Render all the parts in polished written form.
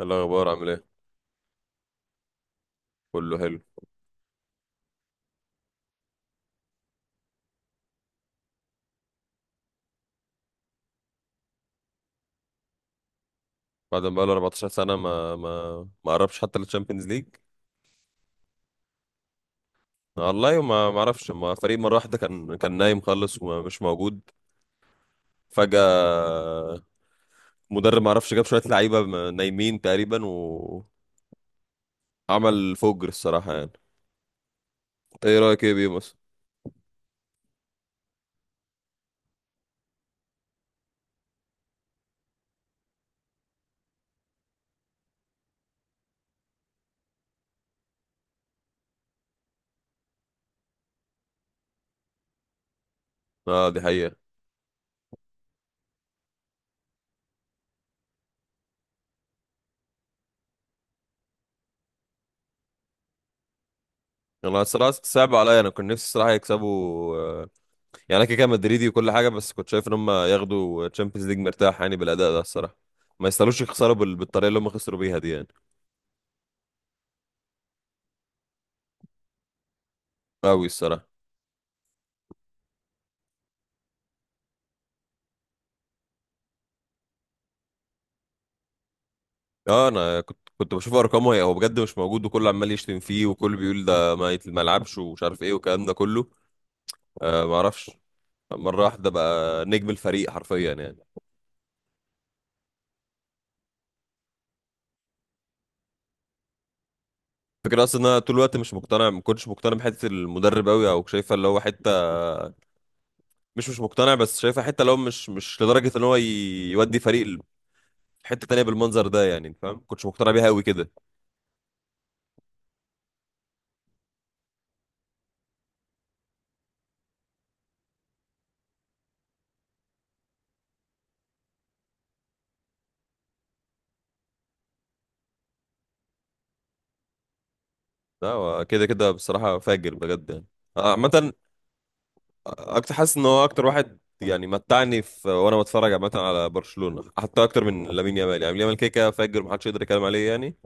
إيه الاخبار؟ عامل ايه؟ كله حلو. بعد ما بقاله 14 سنه ما قربش حتى للتشامبيونز ليج. والله ما اعرفش، ما فريق مره واحده كان نايم خالص ومش موجود فجاه. مدرب ما اعرفش جاب شويه لعيبه نايمين تقريبا وعمل فجر الصراحه يعني. ايه رايك بيه مثلا؟ اه دي حقيقه. انا الصراحه صعب عليا، انا كنت نفسي الصراحه يكسبوا، آه، يعني انا كده كده مدريدي وكل حاجه، بس كنت شايف ان هم ياخدوا تشامبيونز ليج مرتاح يعني بالاداء ده الصراحه. ما يستاهلوش يخسروا بالطريقه اللي هم خسروا بيها دي يعني. قوي الصراحه. اه انا كنت بشوف ارقامه، هي هو بجد مش موجود وكله عمال يشتم فيه وكله بيقول ده ما يلعبش ومش عارف ايه والكلام ده كله. آه، ما اعرفش. مره واحده بقى نجم الفريق حرفيا يعني. فكرة اصلا إن انا طول الوقت مش مقتنع، ما كنتش مقتنع بحته المدرب قوي او شايفه اللي هو حته، مش مقتنع، بس شايفه حته اللي هو مش لدرجه ان هو يودي فريق حته تانية بالمنظر ده يعني. أنت فاهم؟ ما كنتش مقتنع بيها قوي كده. لا هو كده كده بصراحه فاجر بجد يعني. آه، عامة، اكتر حاسس ان هو اكتر واحد يعني متعني في، وانا بتفرج عامه على برشلونه، حتى اكتر من لامين يامال. يعني لامين يامال كده كده فاجر، محدش يقدر يتكلم عليه يعني.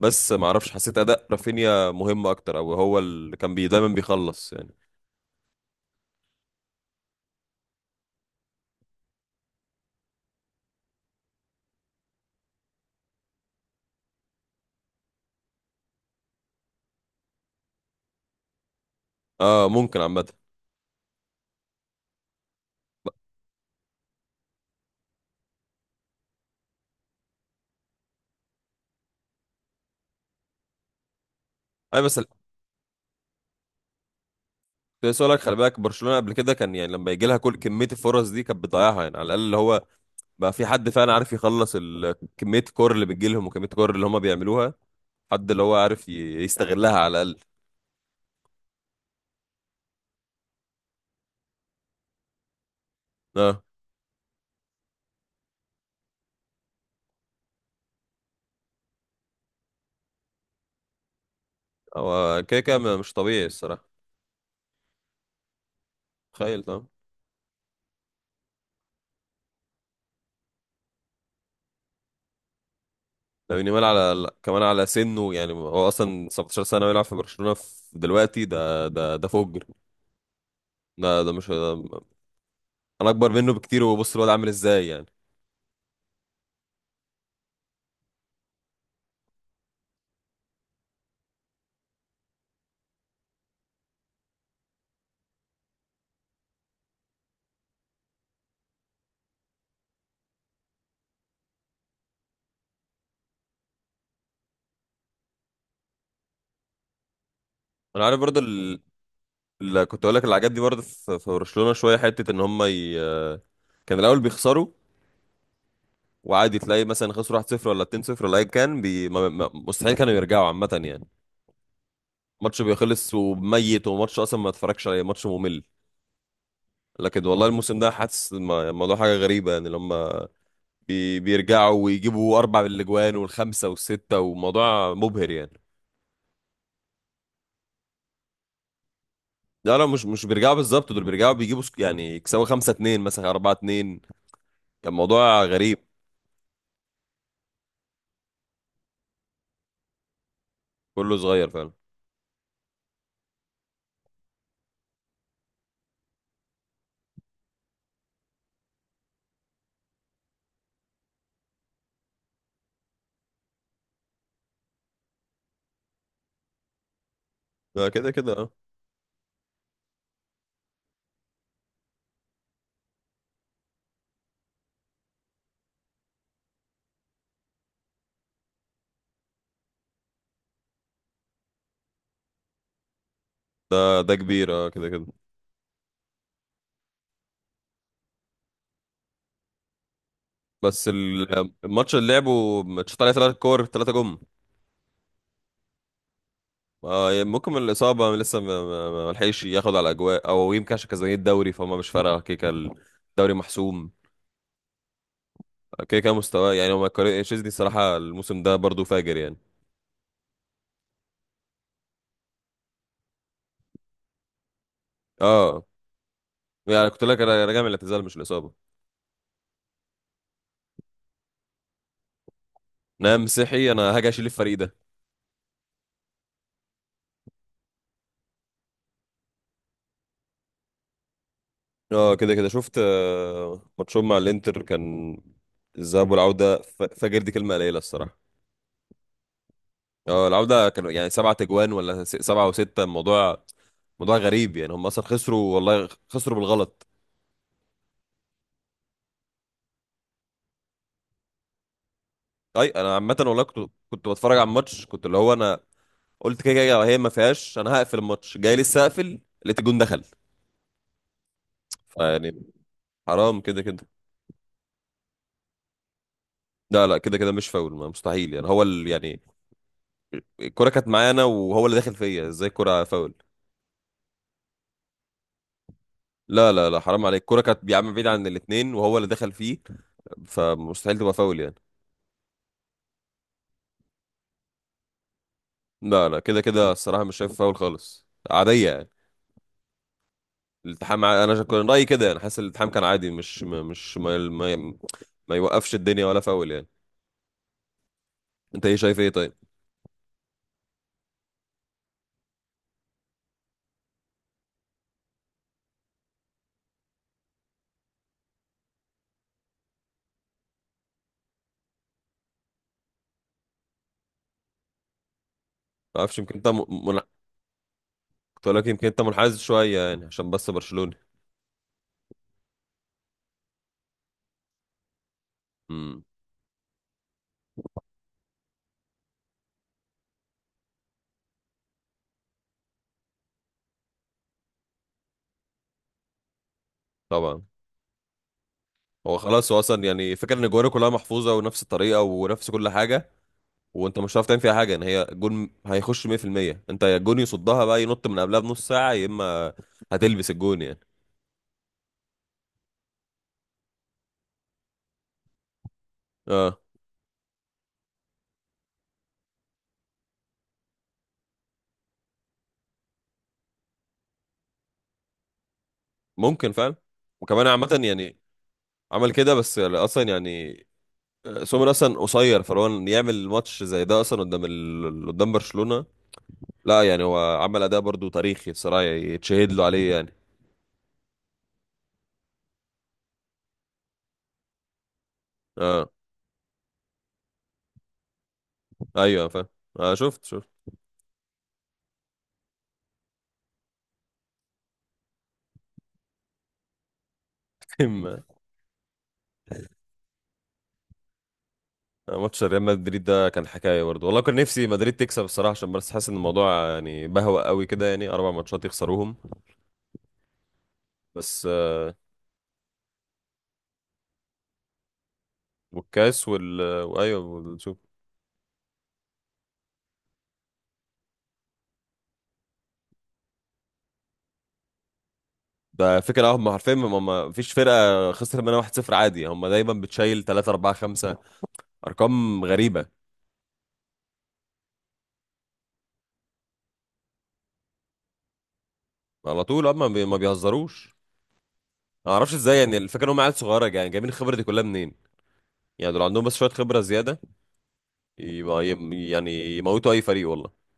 بس ما اعرفش، حسيت اداء رافينيا مهم اكتر، او هو اللي كان بي دايما بيخلص يعني. اه ممكن عامه. اي، بس سؤالك، خلي بالك برشلونه قبل كده كان يعني لما يجي لها كل كميه الفرص دي كانت بتضيعها يعني، على الاقل اللي هو بقى في حد فعلا عارف يخلص كميه الكور اللي بتجي لهم وكميه الكور اللي هم بيعملوها، حد اللي هو عارف يستغلها على الاقل. اه هو كده كده مش طبيعي الصراحه. تخيل طبعا. لامين يامال على كمان على سنه يعني، هو اصلا 17 سنه ويلعب في برشلونه في دلوقتي، ده فجر. ده مش ده، انا اكبر منه بكتير وبص الواد عامل ازاي يعني. انا عارف برضه اللي كنت اقول لك، اللي عجبني برضه في برشلونه شويه حته ان هم كان الاول بيخسروا، وعادي تلاقي مثلا خسروا 1-0 ولا 2-0 ولا ايا كان، بي... ما... ما... مستحيل كانوا يرجعوا عامه يعني. ماتش بيخلص وميت، وماتش اصلا ما اتفرجش عليه، ماتش ممل. لكن والله الموسم ده حاسس الموضوع حاجه غريبه يعني، لما بيرجعوا ويجيبوا اربع من الاجوان والخمسه والسته، وموضوع مبهر يعني. لا لا، مش بيرجعوا بالظبط، دول بيرجعوا بيجيبوا يعني يكسبوا خمسة اتنين مثلا، أربعة اتنين. كان موضوع غريب. كله صغير فعلا. ده كده كده اه. ده كبير اه كده كده. بس الماتش اللي لعبه ماتشات عليه ثلاث كور، ثلاثة جم. آه، يعني ممكن من الإصابة لسه ما لحقش ياخد على أجواء، أو يمكن عشان كسبان الدوري فهم مش فارقة، كيكة الدوري محسوم. كيكة مستواه، يعني هو ما يقارن- تشيزني الصراحة الموسم ده برضه فاجر يعني. اه يعني كنت لك انا راجع من الاعتزال مش الاصابه. نعم صحي انا هاجي اشيل الفريق ده. اه كده كده شفت، آه، ماتشهم مع الانتر كان الذهاب والعوده، فجر، دي كلمه قليله الصراحه. اه العوده كانوا يعني سبعة تجوان، ولا سبعة وستة، الموضوع موضوع غريب يعني، هم اصلا خسروا، والله خسروا بالغلط. اي انا عامه والله كنت بتفرج على الماتش، كنت اللي هو انا قلت كده كده هي ما فيهاش، انا هقفل الماتش، جاي لسه اقفل لقيت الجون دخل. يعني حرام كده كده. لا لا كده كده مش فاول، ما مستحيل يعني، هو يعني الكرة كانت معانا وهو اللي دخل فيا، ازاي الكرة فاول؟ لا لا لا، حرام عليك، الكرة كانت يا عم بعيد عن الاتنين وهو اللي دخل فيه، فمستحيل تبقى فاول يعني. لا لا كده كده الصراحة مش شايف فاول خالص، عادية يعني. الالتحام، انا كان رأيي كده يعني، حاسس الالتحام كان عادي، مش ما يوقفش الدنيا ولا فاول يعني. انت ايه شايف ايه؟ طيب. ما اعرفش، يمكن انت كنت أقول لك يمكن انت منحاز شوية يعني عشان بس برشلوني. امم. طبعا. هو خلاص هو اصلا يعني فكرة ان الجوانب كلها محفوظة ونفس الطريقة ونفس كل حاجة، وانت مش هتعرف تعمل فيها حاجة، ان هي جون هيخش 100%. انت يا الجون يصدها بقى ينط من قبلها بنص ساعة، يا اما هتلبس الجون يعني. اه ممكن فعلا. وكمان عامة يعني عمل كده، بس يعني اصلا يعني آه، سومر اصلا قصير، فلو إن يعمل ماتش زي ده اصلا قدام قدام برشلونة، لا يعني هو عمل اداء برضو تاريخي الصراحة، يتشهد له عليه يعني. اه ايوه فاهم. آه شفت. ماتش ريال مدريد ده كان حكايه برضه، والله كان نفسي مدريد تكسب الصراحه، عشان بس حاسس ان الموضوع يعني بهوى قوي كده، يعني اربع ماتشات يخسروهم. بس آه، والكاس وايوه والشوف. ده فكره هم عارفين، هم ما فيش فرقه خسرت منها 1-0 عادي، هم دايما بتشيل 3 4 5، ارقام غريبه. على طول هم ما بيهزروش. ما اعرفش ازاي يعني، الفكره ان هم عيال صغيره يعني جايبين الخبره دي كلها منين؟ يعني دول عندهم بس شويه خبره زياده، يبقى يعني يموتوا اي فريق والله.